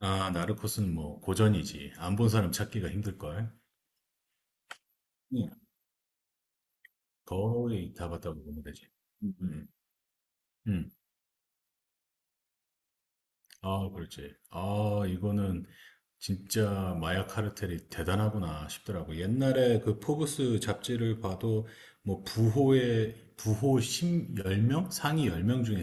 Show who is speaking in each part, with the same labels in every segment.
Speaker 1: 아, 나르코스는 뭐 고전이지. 안 본 사람 찾기가 힘들걸. 응. 거의 다 봤다고 보면 되지. 음. 음. 음. 아, 그렇지. 아, 이거는 진짜 마약 카르텔이 대단하구나 싶더라고. 옛날에 그 포브스 잡지를 봐도 뭐 부호의 부호 10, 명 상위 10명 중에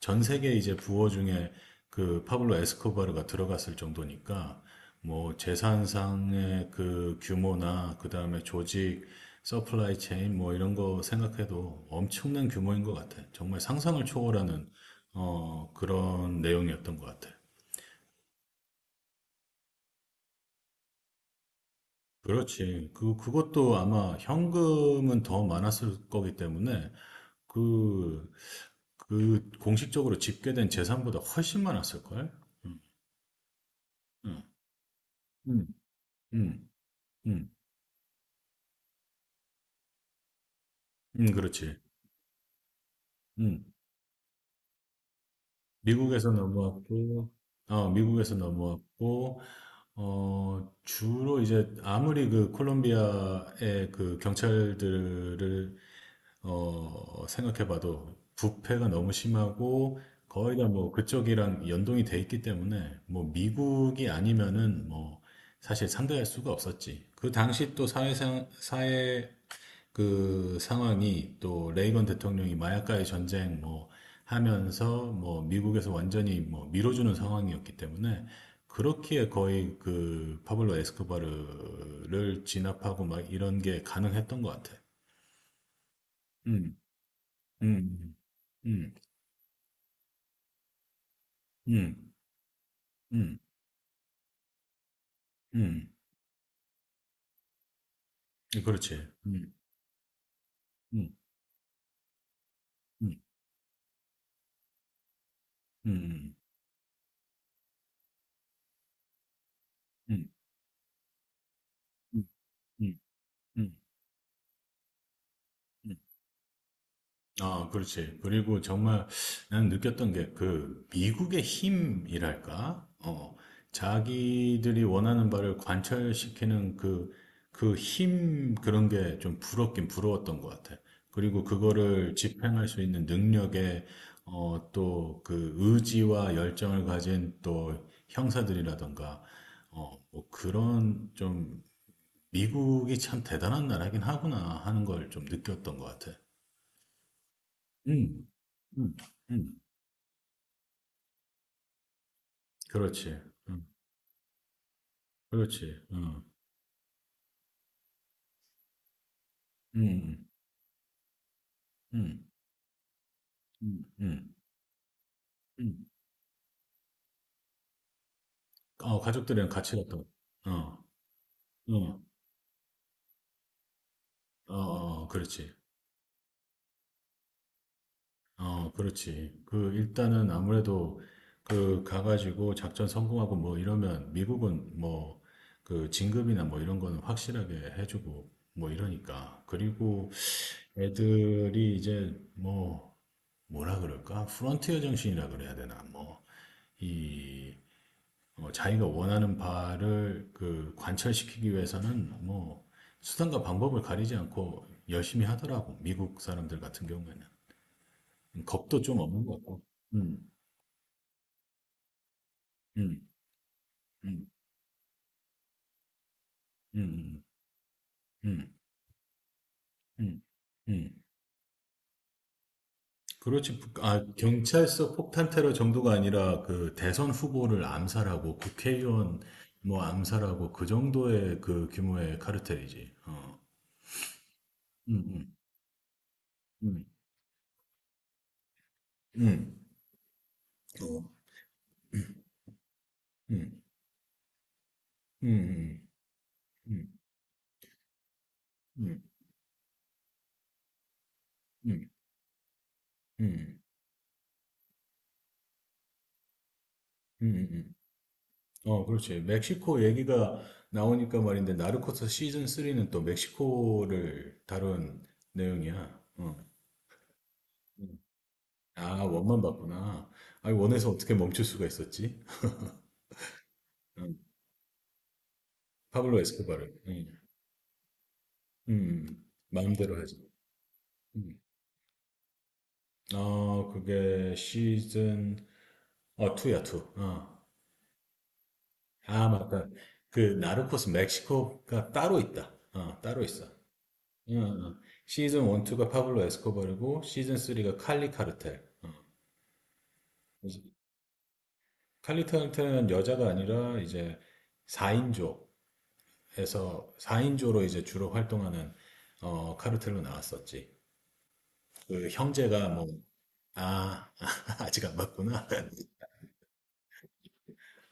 Speaker 1: 전 세계 이제 부호 중에 그 파블로 에스코바르가 들어갔을 정도니까 뭐 재산상의 그 규모나 그다음에 조직 서플라이 체인 뭐 이런 거 생각해도 엄청난 규모인 것 같아. 정말 상상을 초월하는 어, 그런 내용이었던 것 같아. 그렇지. 그것도 아마 현금은 더 많았을 거기 때문에 그, 그 공식적으로 집계된 재산보다 훨씬 많았을걸? 응, 응, 응, 응, 응, 응, 그렇지. 응. 미국에서 넘어왔고, 어, 미국에서 넘어왔고, 어, 주로 이제 아무리 그 콜롬비아의 그 경찰들을 어, 생각해봐도 부패가 너무 심하고 거의 다 뭐 그쪽이랑 연동이 돼 있기 때문에 뭐 미국이 아니면은 뭐 사실 상대할 수가 없었지. 그 당시 또 사회상, 사회 그 상황이 또 레이건 대통령이 마약과의 전쟁 뭐 하면서 뭐 미국에서 완전히 뭐 밀어주는 상황이었기 때문에 그렇기에 거의 그 파블로 에스코바르를 진압하고 막 이런 게 가능했던 것 같아. 음. 음. 음. 음. 음. 음. 그렇지. 음. 음. 음. 음. 음. 음. 음. 음. 음. 음. 아, 그렇지. 그리고 정말 난 느꼈던 게 그 미국의 힘이랄까? 어, 자기들이 원하는 바를 관철시키는 그, 그 힘 그런 게 좀 부럽긴 부러웠던 것 같아. 그리고 그거를 집행할 수 있는 능력에, 어, 또 그 의지와 열정을 가진 또 형사들이라던가, 어, 뭐 그런 좀 미국이 참 대단한 나라긴 하구나 하는 걸 좀 느꼈던 것 같아. 음. 음. 음. 그렇지. 음. 그렇지. 어. 음. 음. 음. 음. 음. 어, 가족들이랑 같이 갔다. 오- 어. 어. 어. 어. 그렇지. 어, 그렇지. 그 일단은 아무래도 그 가가지고 작전 성공하고 뭐 이러면 미국은 뭐 그 진급이나 뭐 이런 거는 확실하게 해주고 뭐 이러니까. 그리고 애들이 이제 뭐 뭐라 그럴까? 프론티어 정신이라 그래야 되나? 뭐이 어, 자기가 원하는 바를 그 관철시키기 위해서는 뭐 수단과 방법을 가리지 않고 열심히 하더라고. 미국 사람들 같은 경우에는. 겁도 좀 없는 것 같고. 음, 음, 음, 음, 음, 음, 음. 음. 그렇지. 아, 경찰서 폭탄 테러 정도가 아니라 그 대선 후보를 암살하고 국회의원 뭐 암살하고 그 정도의 그 규모의 카르텔이지. 어. 음, 음, 음, 음. 어. 음, 음, 음, 음, 음. 음. 음. 음음 음. 어 그렇지. 멕시코 얘기가 나오니까 말인데 나르코스 시즌 3는 또 멕시코를 다룬 내용이야. 어. 음. 아, 원만 봤구나. 아니, 원에서 어떻게 멈출 수가 있었지? 음. 파블로 에스코바를. 음. 음. 마음대로 하지. 음. 어, 그게 시즌 어 2야, 2. 어. 아, 맞다. 그 나르코스 멕시코가 따로 있다. 어, 따로 있어. 응, 응. 시즌 1, 2가 파블로 에스코바르고 시즌 3가 칼리 카르텔. 어. 그래서 칼리 카르텔은 여자가 아니라 이제 4인조에서 4인조로 이제 주로 활동하는 어, 카르텔로 나왔었지. 그 형제가 뭐 아, 아직 안 봤구나.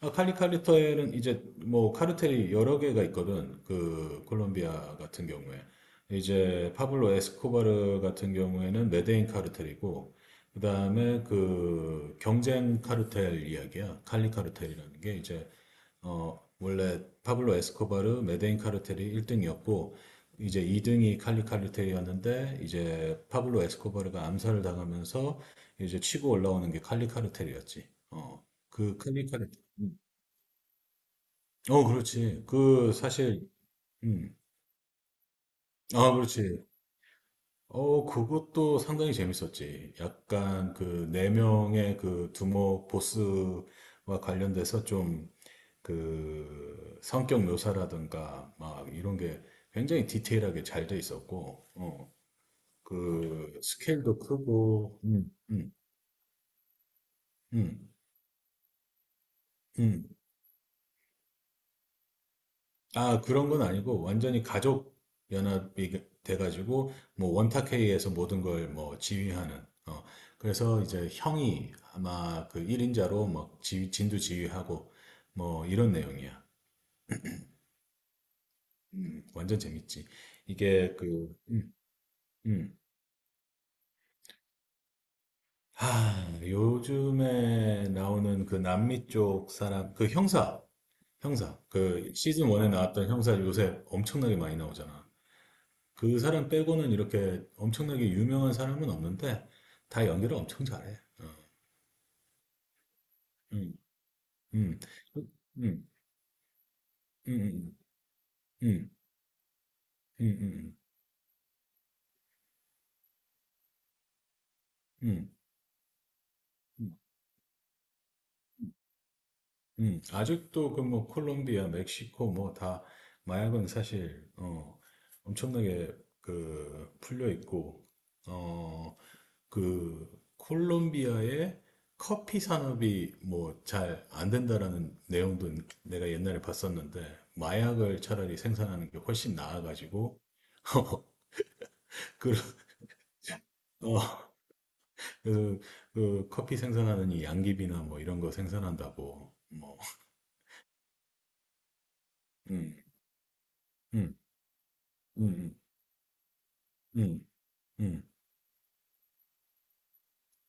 Speaker 1: 아, 칼리 칼리터에는 이제 뭐 카르텔이 여러 개가 있거든. 그 콜롬비아 같은 경우에 이제 파블로 에스코바르 같은 경우에는 메데인 카르텔이고 그다음에 그 경쟁 카르텔 이야기야. 칼리 카르텔이라는 게 이제 어 원래 파블로 에스코바르 메데인 카르텔이 1등이었고 이제 2등이 칼리 카르텔이었는데 이제 파블로 에스코바르가 암살을 당하면서 이제 치고 올라오는 게 칼리 카르텔이었지. 어. 그 칼리 카르텔 어, 그렇지. 그, 사실, 음. 아, 그렇지. 어, 그것도 상당히 재밌었지. 약간 그, 네 명의 그 두목 보스와 관련돼서 좀, 그, 성격 묘사라든가, 막, 이런 게 굉장히 디테일하게 잘 돼 있었고, 어, 그, 스케일도 크고, 음, 음. 아, 그런 건 아니고, 완전히 가족 연합이 돼가지고, 뭐, 원탁회의에서 모든 걸 뭐, 지휘하는, 어, 그래서 이제 형이 아마 그 1인자로 막 진두 지휘하고, 뭐, 이런 내용이야. 완전 재밌지. 이게 그, 음. 아, 요즘에 나오는 그 남미 쪽 사람, 그 형사, 그 시즌 1에 나왔던 형사 요새 엄청나게 많이 나오잖아. 그 사람 빼고는 이렇게 엄청나게 유명한 사람은 없는데 다 연기를 엄청 잘해. 어, 음, 음, 음, 음, 음, 음, 음, 음, 음, 음, 음. 음, 아직도 그 뭐 콜롬비아, 멕시코 뭐 다 마약은 사실 어, 엄청나게 그 풀려 있고 그 콜롬비아의 커피 산업이 뭐 잘 안 된다라는 내용도 내가 옛날에 봤었는데 마약을 차라리 생산하는 게 훨씬 나아가지고 그, 어, 그, 그 커피 생산하는 이 양귀비나 뭐 이런 거 생산한다고 뭐 음, 음, 음, 음, 음,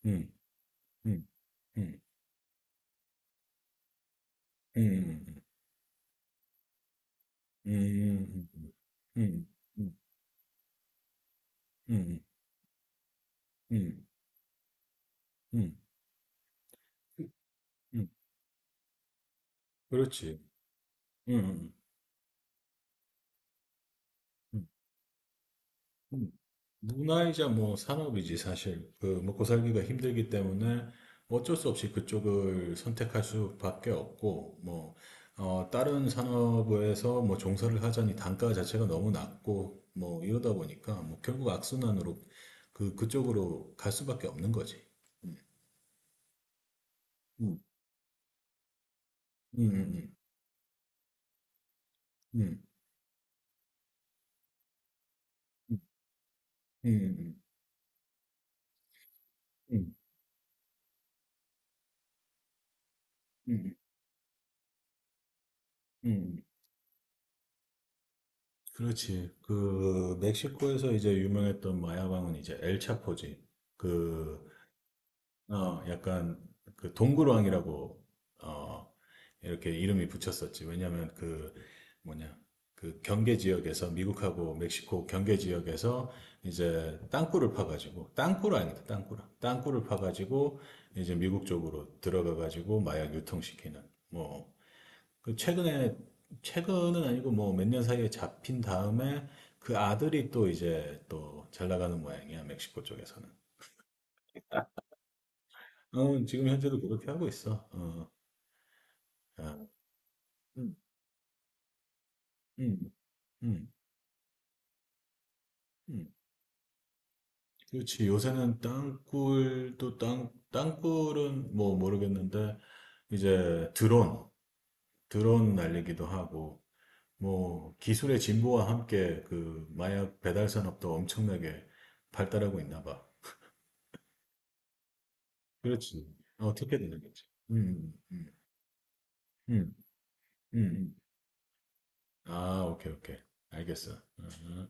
Speaker 1: 음, 음, 음, 음, 음, 음, 음, 음, 음, 음, 음, 음, 음, 음, 음, 그렇지. 음, 음, 음, 문화이자 뭐 산업이지 사실 그 먹고 살기가 힘들기 때문에 어쩔 수 없이 그쪽을 선택할 수밖에 없고 뭐 어, 다른 산업에서 뭐 종사를 하자니 단가 자체가 너무 낮고 뭐 이러다 보니까 뭐 결국 악순환으로 그 그쪽으로 갈 수밖에 없는 거지. 음, 음, 음, 음, 음, 음, 음, 음, 음. 그렇지. 그 멕시코에서 이제 유명했던 마야방은 이제 엘차포지. 어, 약간 그 동굴왕이라고 어, 이렇게 이름이 붙였었지. 왜냐면 그 뭐냐 그 경계 지역에서 미국하고 멕시코 경계 지역에서 이제 땅굴을 파가지고 땅굴 아니다 땅굴 땅굴을 파가지고 이제 미국 쪽으로 들어가가지고 마약 유통시키는 뭐 그 최근에 최근은 아니고 뭐 몇 년 사이에 잡힌 다음에 그 아들이 또 이제 또 잘 나가는 모양이야 멕시코 쪽에서는. 어, 지금 현재도 그렇게 하고 있어. 어, 아, 음, 음, 음, 음. 그렇지. 요새는 땅굴은 뭐 모르겠는데, 이제 드론 날리기도 하고, 뭐 기술의 진보와 함께 그 마약 배달 산업도 엄청나게 발달하고 있나 봐. 그렇지. 어떻게 되는 거지? 음, 음, 음, 음. 아, 오케이, 오케이. 알겠어. 어, 어.